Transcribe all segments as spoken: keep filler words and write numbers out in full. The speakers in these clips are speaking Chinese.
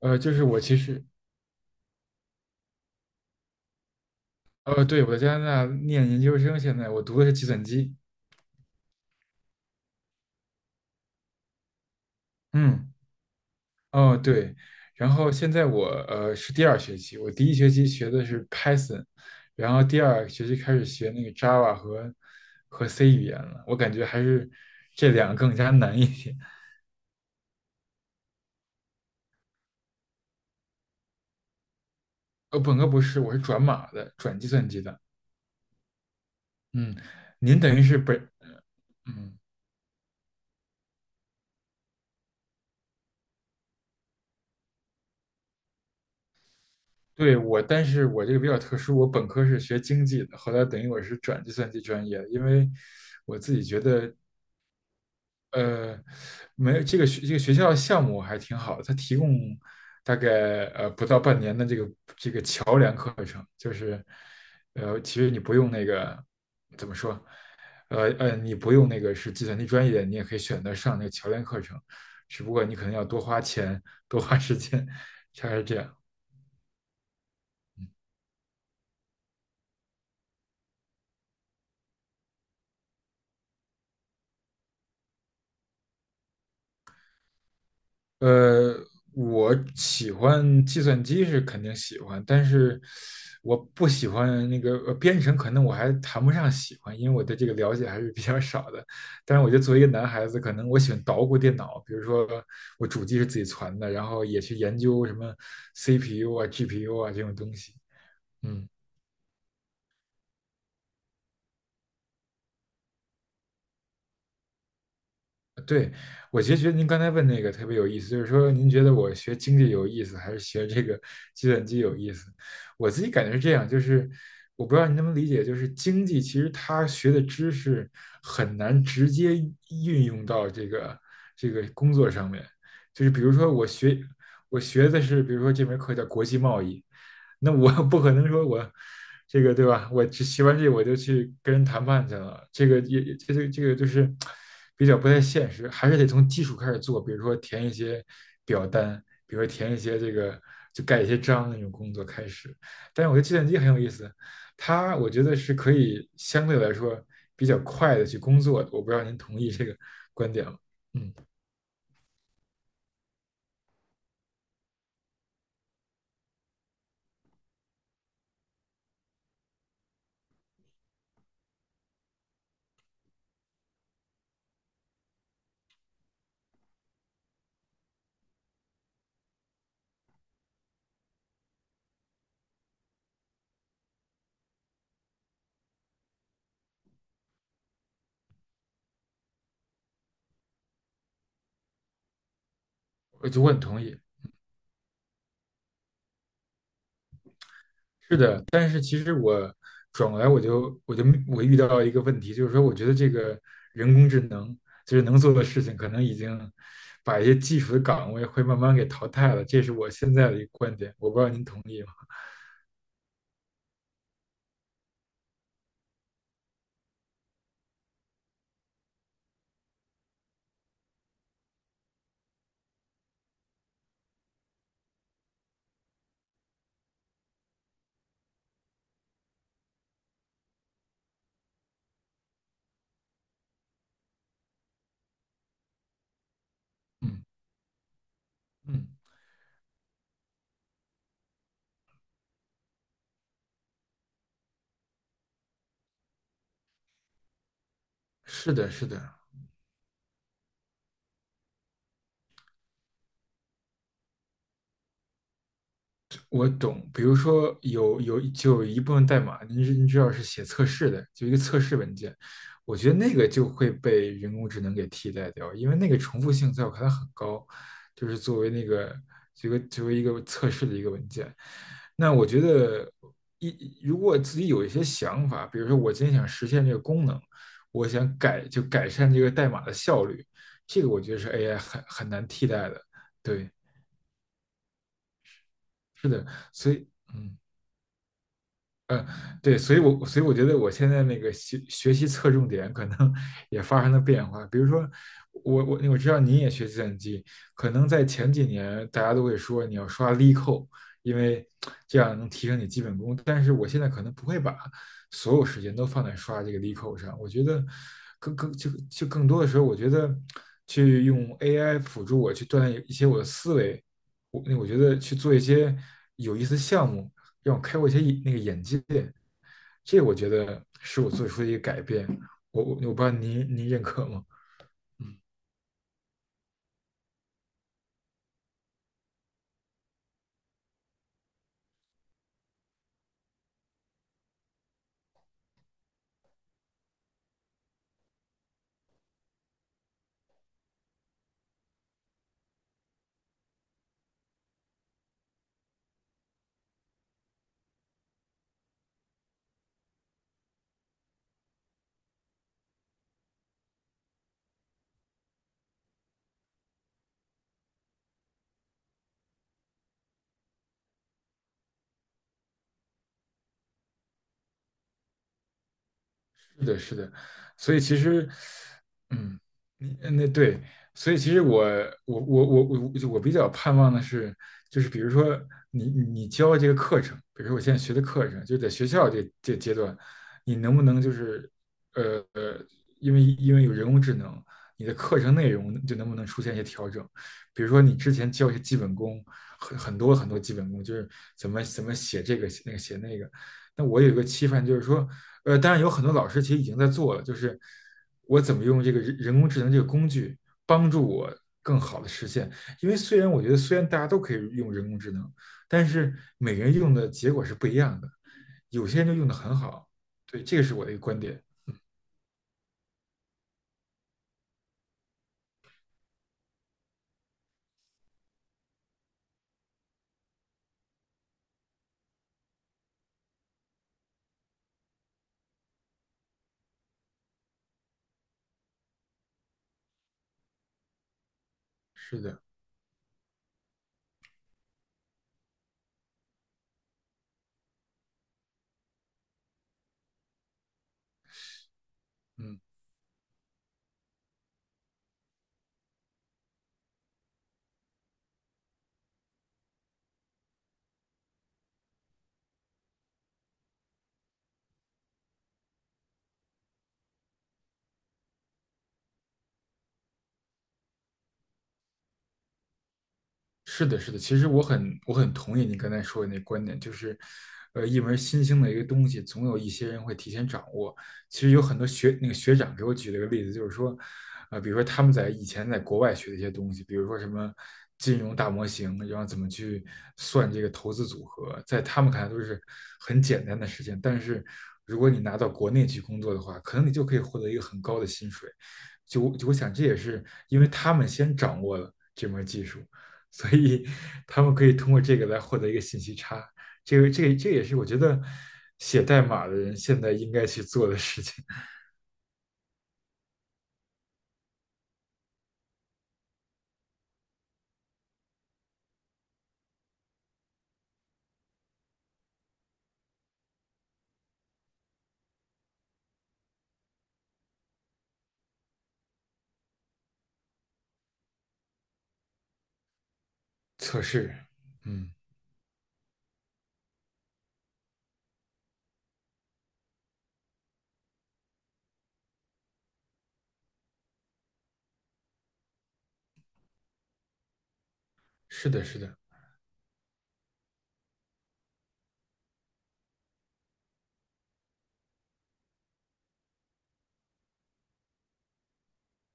呃，就是我其实，呃，对，我在加拿大念研究生，现在我读的是计算机，嗯，哦，对，然后现在我呃是第二学期，我第一学期学的是 Python，然后第二学期开始学那个 Java 和和 C 语言了，我感觉还是这两个更加难一点。呃，本科不是，我是转码的，转计算机的，嗯，您等于是本，嗯。对，我，但是我这个比较特殊，我本科是学经济的，后来等于我是转计算机专业的，因为我自己觉得，呃，没有这个学这个学校项目还挺好的，它提供大概呃不到半年的这个桥梁课程，就是呃，其实你不用那个怎么说，呃呃，你不用那个是计算机专业，你也可以选择上那个桥梁课程，只不过你可能要多花钱、多花时间，大概是这样。呃，我喜欢计算机是肯定喜欢，但是我不喜欢那个呃编程，可能我还谈不上喜欢，因为我对这个了解还是比较少的。但是我觉得作为一个男孩子，可能我喜欢捣鼓电脑，比如说我主机是自己攒的，然后也去研究什么 C P U 啊、G P U 啊这种东西。嗯。对，我其实觉得您刚才问那个特别有意思，就是说您觉得我学经济有意思，还是学这个计算机有意思？我自己感觉是这样，就是我不知道您能不能理解，就是经济其实它学的知识很难直接运用到这个这个工作上面，就是比如说我学我学的是，比如说这门课叫国际贸易，那我不可能说我这个对吧？我学完这个我就去跟人谈判去了，这个也也这个这个就是比较不太现实，还是得从基础开始做，比如说填一些表单，比如说填一些这个就盖一些章那种工作开始。但是我觉得计算机很有意思，它我觉得是可以相对来说比较快的去工作的，我不知道您同意这个观点吗？嗯，我就我很同意。是的，但是其实我转过来我就我就我遇到一个问题，就是说我觉得这个人工智能就是能做的事情，可能已经把一些基础的岗位会慢慢给淘汰了，这是我现在的一个观点，我不知道您同意吗？嗯嗯，是的，是的。我懂，比如说有有就有一部分代码，你知您知道是写测试的，就一个测试文件，我觉得那个就会被人工智能给替代掉，因为那个重复性在我看来很高，就是作为那个这个作为一个测试的一个文件。那我觉得一如果自己有一些想法，比如说我今天想实现这个功能，我想改就改善这个代码的效率，这个我觉得是 A I 很很难替代的。对，是的，所以嗯。呃，对，所以我所以我觉得我现在那个学学习侧重点可能 也发生了变化。比如说，我我我知道你也学计算机，可能在前几年大家都会说你要刷力扣，因为 这样能提升你基本功。但是我现在可能不会把所有时间都放在刷这个力扣上。我觉得更更就就更多的时候，我觉得去用 A I 辅助我去锻炼一些我的思维，我那我觉得去做一些有意思的项目。让我开阔一些那个眼界。这个我觉得是我做出的一个改变。我我我不知道您您认可吗？是的，是的，所以其实，嗯，你那对，所以其实我我我我我我比较盼望的是，就是比如说你你你教这个课程，比如说我现在学的课程，就在学校这这阶段，你能不能就是呃呃，因为因为有人工智能，你的课程内容就能不能出现一些调整？比如说你之前教一些基本功，很很多很多基本功，就是怎么怎么写这个写那个写那个，那我有一个期盼，就是说，呃，当然有很多老师其实已经在做了，就是我怎么用这个人人工智能这个工具帮助我更好的实现。因为虽然我觉得虽然大家都可以用人工智能，但是每个人用的结果是不一样的，有些人就用的很好。对，这个是我的一个观点。是的，嗯。是的，是的，其实我很我很同意你刚才说的那观点，就是，呃，一门新兴的一个东西，总有一些人会提前掌握。其实有很多学那个学长给我举了个例子，就是说，呃，比如说他们在以前在国外学的一些东西，比如说什么金融大模型，然后怎么去算这个投资组合，在他们看来都是很简单的事情，但是如果你拿到国内去工作的话，可能你就可以获得一个很高的薪水。就就我想，这也是因为他们先掌握了这门技术。所以他们可以通过这个来获得一个信息差。这个这个这也是我觉得写代码的人现在应该去做的事情，测试。嗯，是的，是的。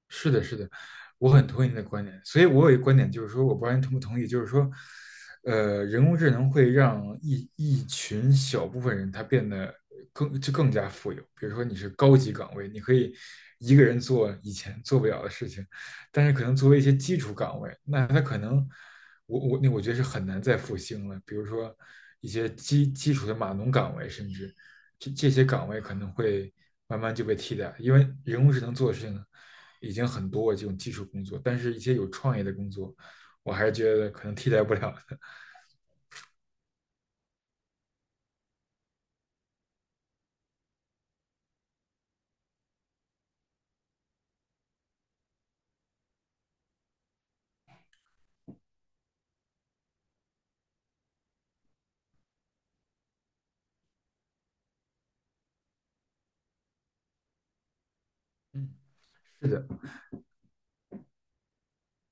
是的，是的，我很同意你的观点。所以我有一个观点，就是说，我不知道你同不同意，就是说，呃，人工智能会让一一群小部分人他变得更就更加富有。比如说，你是高级岗位，你可以一个人做以前做不了的事情，但是可能作为一些基础岗位，那他可能我我那我觉得是很难再复兴了。比如说一些基基础的码农岗位，甚至。这这些岗位可能会慢慢就被替代，因为人工智能做的事情已经很多这种技术工作，但是一些有创意的工作，我还是觉得可能替代不了的。嗯，是的。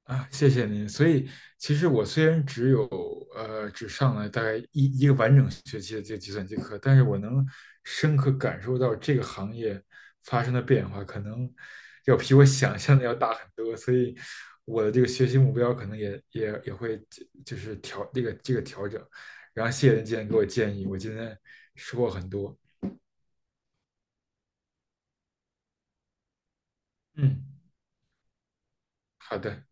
啊，谢谢您。所以，其实我虽然只有呃只上了大概一一个完整学期的这个计算机课，但是我能深刻感受到这个行业发生的变化，可能要比我想象的要大很多。所以，我的这个学习目标可能也也也会就是调这个这个调整。然后，谢谢您今天给我建议，我今天收获很多。嗯，好的。